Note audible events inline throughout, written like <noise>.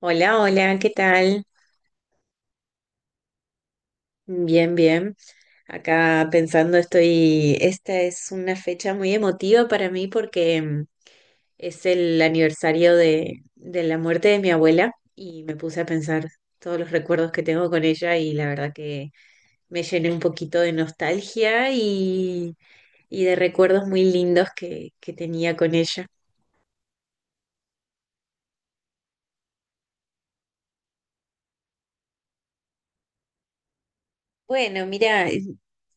Hola, hola, ¿qué tal? Bien, bien. Acá pensando estoy, esta es una fecha muy emotiva para mí porque es el aniversario de la muerte de mi abuela y me puse a pensar todos los recuerdos que tengo con ella y la verdad que me llené un poquito de nostalgia y de recuerdos muy lindos que tenía con ella. Bueno, mira,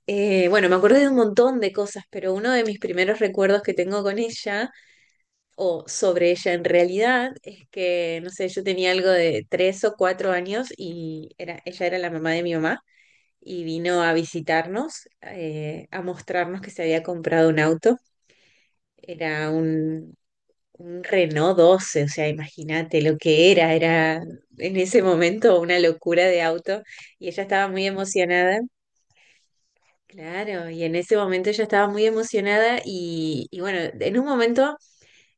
bueno, me acordé de un montón de cosas, pero uno de mis primeros recuerdos que tengo con ella o sobre ella en realidad es que, no sé, yo tenía algo de tres o cuatro años y era, ella era la mamá de mi mamá y vino a visitarnos, a mostrarnos que se había comprado un auto. Era un Renault 12, o sea, imagínate lo que era, era en ese momento una locura de auto y ella estaba muy emocionada. Claro, y en ese momento ella estaba muy emocionada y bueno, en un momento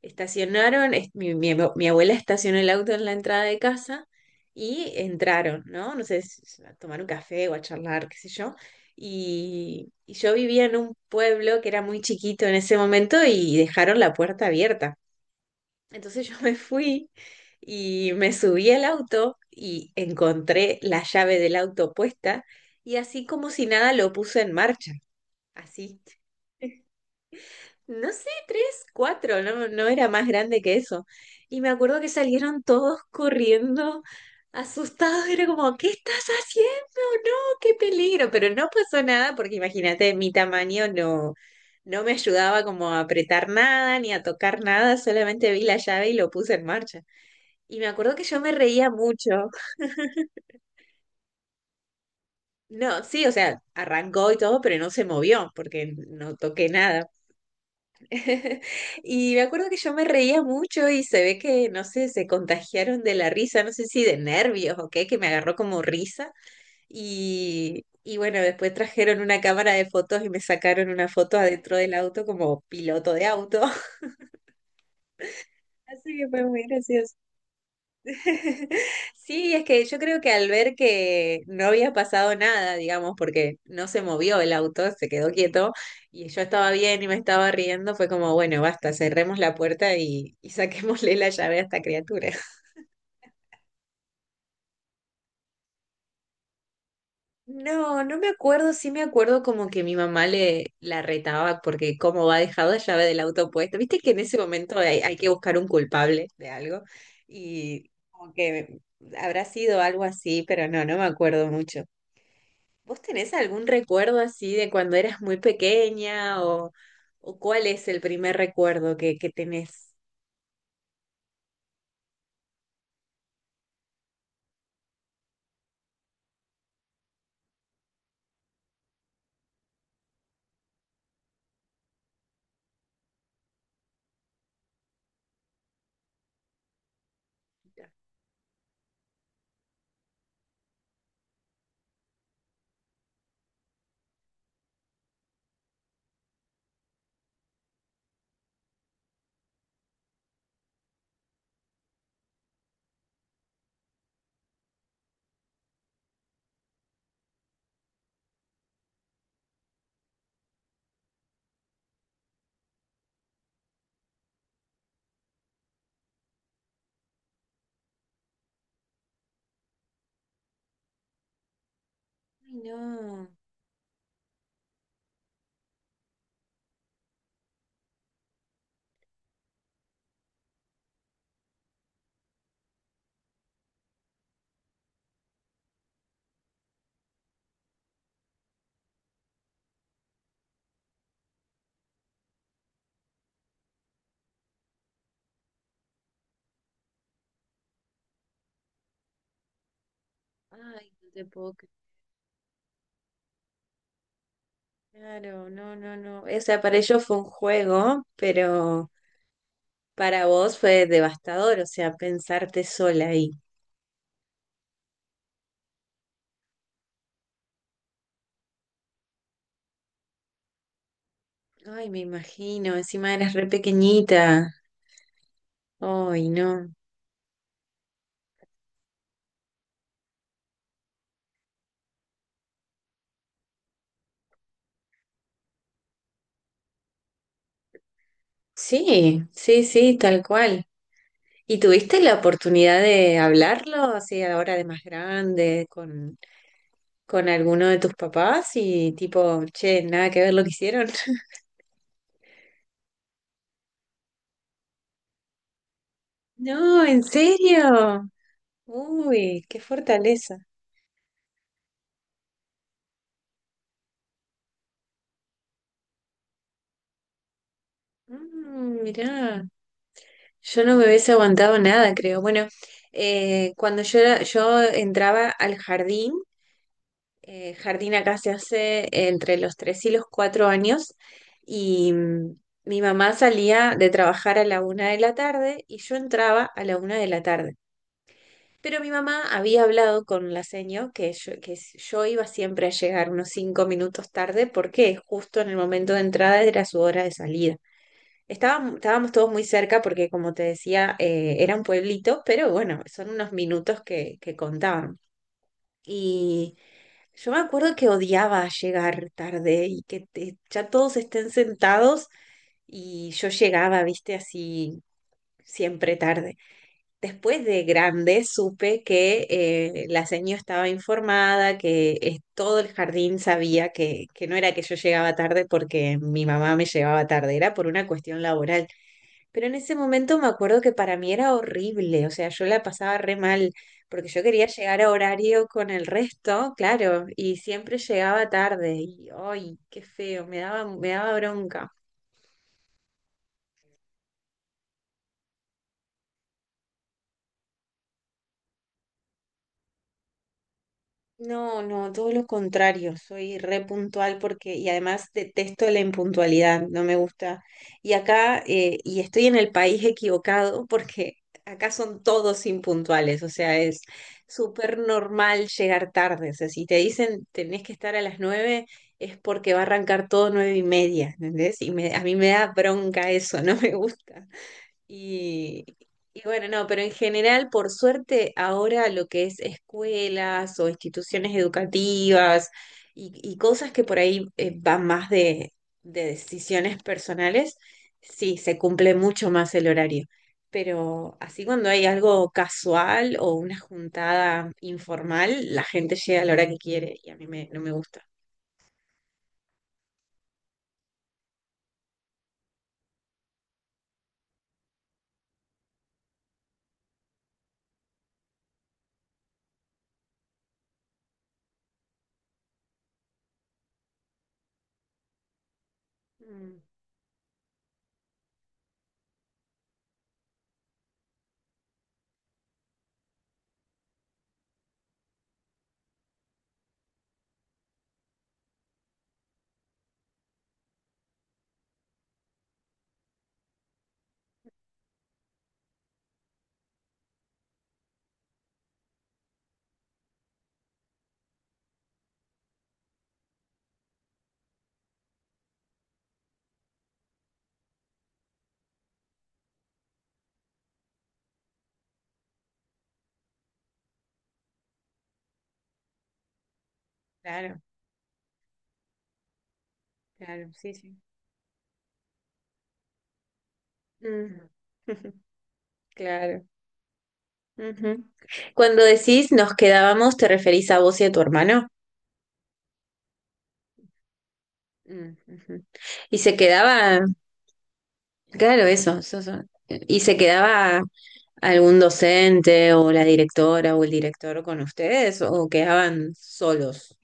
estacionaron, mi abuela estacionó el auto en la entrada de casa y entraron, ¿no? No sé, a tomar un café o a charlar, qué sé yo. Y yo vivía en un pueblo que era muy chiquito en ese momento y dejaron la puerta abierta. Entonces yo <laughs> me fui y me subí al auto y encontré la llave del auto puesta y así como si nada lo puse en marcha, así no sé, tres, cuatro, no, no era más grande que eso. Y me acuerdo que salieron todos corriendo, asustados, era como, ¿qué estás haciendo? No, qué peligro, pero no pasó nada porque imagínate, mi tamaño no, no me ayudaba como a apretar nada ni a tocar nada, solamente vi la llave y lo puse en marcha. Y me acuerdo que yo me reía mucho. No, sí, o sea, arrancó y todo, pero no se movió porque no toqué nada. <laughs> Y me acuerdo que yo me reía mucho y se ve que, no sé, se contagiaron de la risa, no sé si de nervios o qué, que me agarró como risa. Y bueno, después trajeron una cámara de fotos y me sacaron una foto adentro del auto como piloto de auto. <laughs> Así que fue muy gracioso. <laughs> Sí, es que yo creo que al ver que no había pasado nada, digamos, porque no se movió el auto, se quedó quieto y yo estaba bien y me estaba riendo, fue como, bueno, basta, cerremos la puerta y saquémosle la llave a esta criatura. <laughs> No, no me acuerdo, sí me acuerdo como que mi mamá le la retaba porque como va dejado la llave del auto puesta, viste que en ese momento hay, hay que buscar un culpable de algo y como que habrá sido algo así, pero no, no me acuerdo mucho. ¿Vos tenés algún recuerdo así de cuando eras muy pequeña o cuál es el primer recuerdo que tenés? Ay, no, ay, no te puedo creer. Claro, no, no, no. O sea, para ellos fue un juego, pero para vos fue devastador, o sea, pensarte sola ahí. Ay, me imagino, encima eras re pequeñita. Ay, no. Sí, sí, sí, tal cual. ¿Y tuviste la oportunidad de hablarlo así ahora de más grande con alguno de tus papás y tipo, che, nada que ver lo que hicieron? <laughs> No, ¿en serio? Uy, qué fortaleza. Mm, mirá, yo no me hubiese aguantado nada, creo. Bueno, cuando yo, yo entraba al jardín. Jardín acá se hace entre los tres y los cuatro años y mi mamá salía de trabajar a la una de la tarde y yo entraba a la una de la tarde. Pero mi mamá había hablado con la seño que yo, yo iba siempre a llegar unos cinco minutos tarde porque justo en el momento de entrada era su hora de salida. Estábamos todos muy cerca porque, como te decía, era un pueblito, pero bueno, son unos minutos que contaban. Y yo me acuerdo que odiaba llegar tarde y ya todos estén sentados y yo llegaba, viste, así siempre tarde. Después de grande supe que la señora estaba informada, que todo el jardín sabía que no era que yo llegaba tarde porque mi mamá me llevaba tarde, era por una cuestión laboral. Pero en ese momento me acuerdo que para mí era horrible, o sea, yo la pasaba re mal, porque yo quería llegar a horario con el resto, claro, y siempre llegaba tarde, y ¡ay, qué feo! Me daba bronca. No, no, todo lo contrario, soy re puntual porque, y además detesto la impuntualidad, no me gusta. Y acá, y estoy en el país equivocado porque acá son todos impuntuales, o sea, es súper normal llegar tarde. O sea, si te dicen tenés que estar a las nueve, es porque va a arrancar todo nueve y media, ¿entendés? Y a mí me da bronca eso, <laughs> no me gusta. Y, y bueno, no, pero en general, por suerte, ahora lo que es escuelas o instituciones educativas y cosas que por ahí van más de decisiones personales, sí, se cumple mucho más el horario. Pero así cuando hay algo casual o una juntada informal, la gente llega a la hora que quiere y a mí no me gusta. Mm, claro, claro, sí, sí. Mm. <laughs> Claro. Ujú. Cuando decís nos quedábamos, ¿te referís a vos y a tu hermano? Mm, ujú. Y se quedaba, claro, eso, eso, eso. ¿Y se quedaba algún docente o la directora o el director con ustedes o quedaban solos?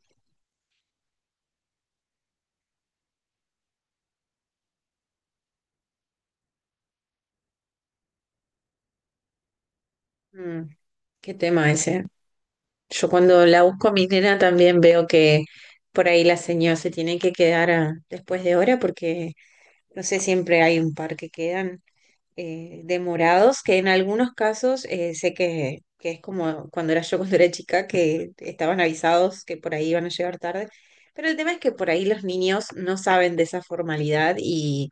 Mm, qué tema ese. Yo cuando la busco a mi nena también veo que por ahí la señora se tiene que quedar después de hora porque no sé, siempre hay un par que quedan. Eh, demorados, que en algunos casos sé que es como cuando era yo <laughs> cuando era chica, que estaban avisados que por ahí iban a llegar tarde, pero el tema es que por ahí los niños no saben de esa formalidad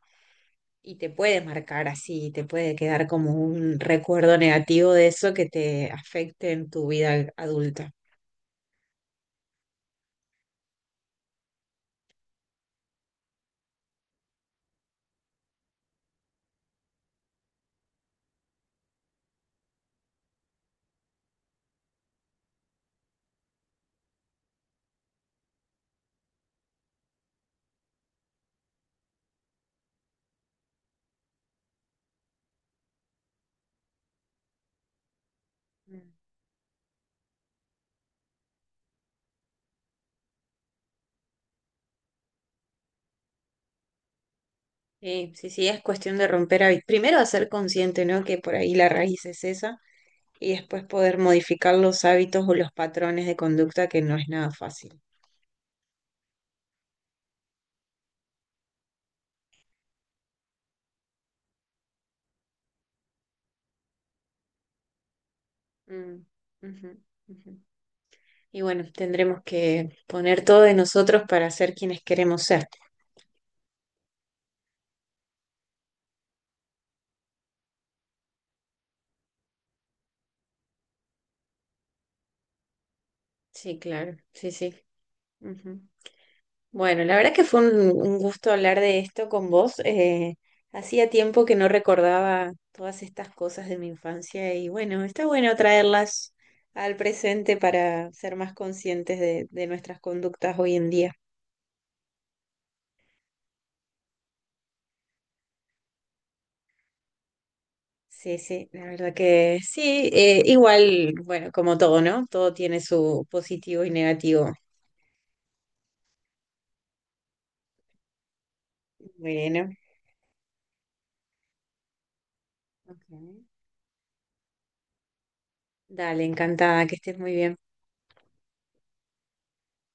y te puede marcar así, te puede quedar como un recuerdo negativo de eso que te afecte en tu vida adulta. Mm. Sí, sí, sí, es cuestión de romper hábitos. Primero hacer consciente, ¿no? Que por ahí la raíz es esa y después poder modificar los hábitos o los patrones de conducta, que no es nada fácil. Mm, ujú, ujú. Y bueno, tendremos que poner todo de nosotros para ser quienes queremos ser. Sí, claro, sí, sí. Ujú. Bueno, la verdad que fue un gusto hablar de esto con vos. Eh, hacía tiempo que no recordaba todas estas cosas de mi infancia y bueno, está bueno traerlas al presente para ser más conscientes de nuestras conductas hoy en día. Sí, sí, la verdad que sí, igual, bueno, como todo, ¿no? Todo tiene su positivo y negativo. Bueno, ok. Dale, encantada, que estés muy bien.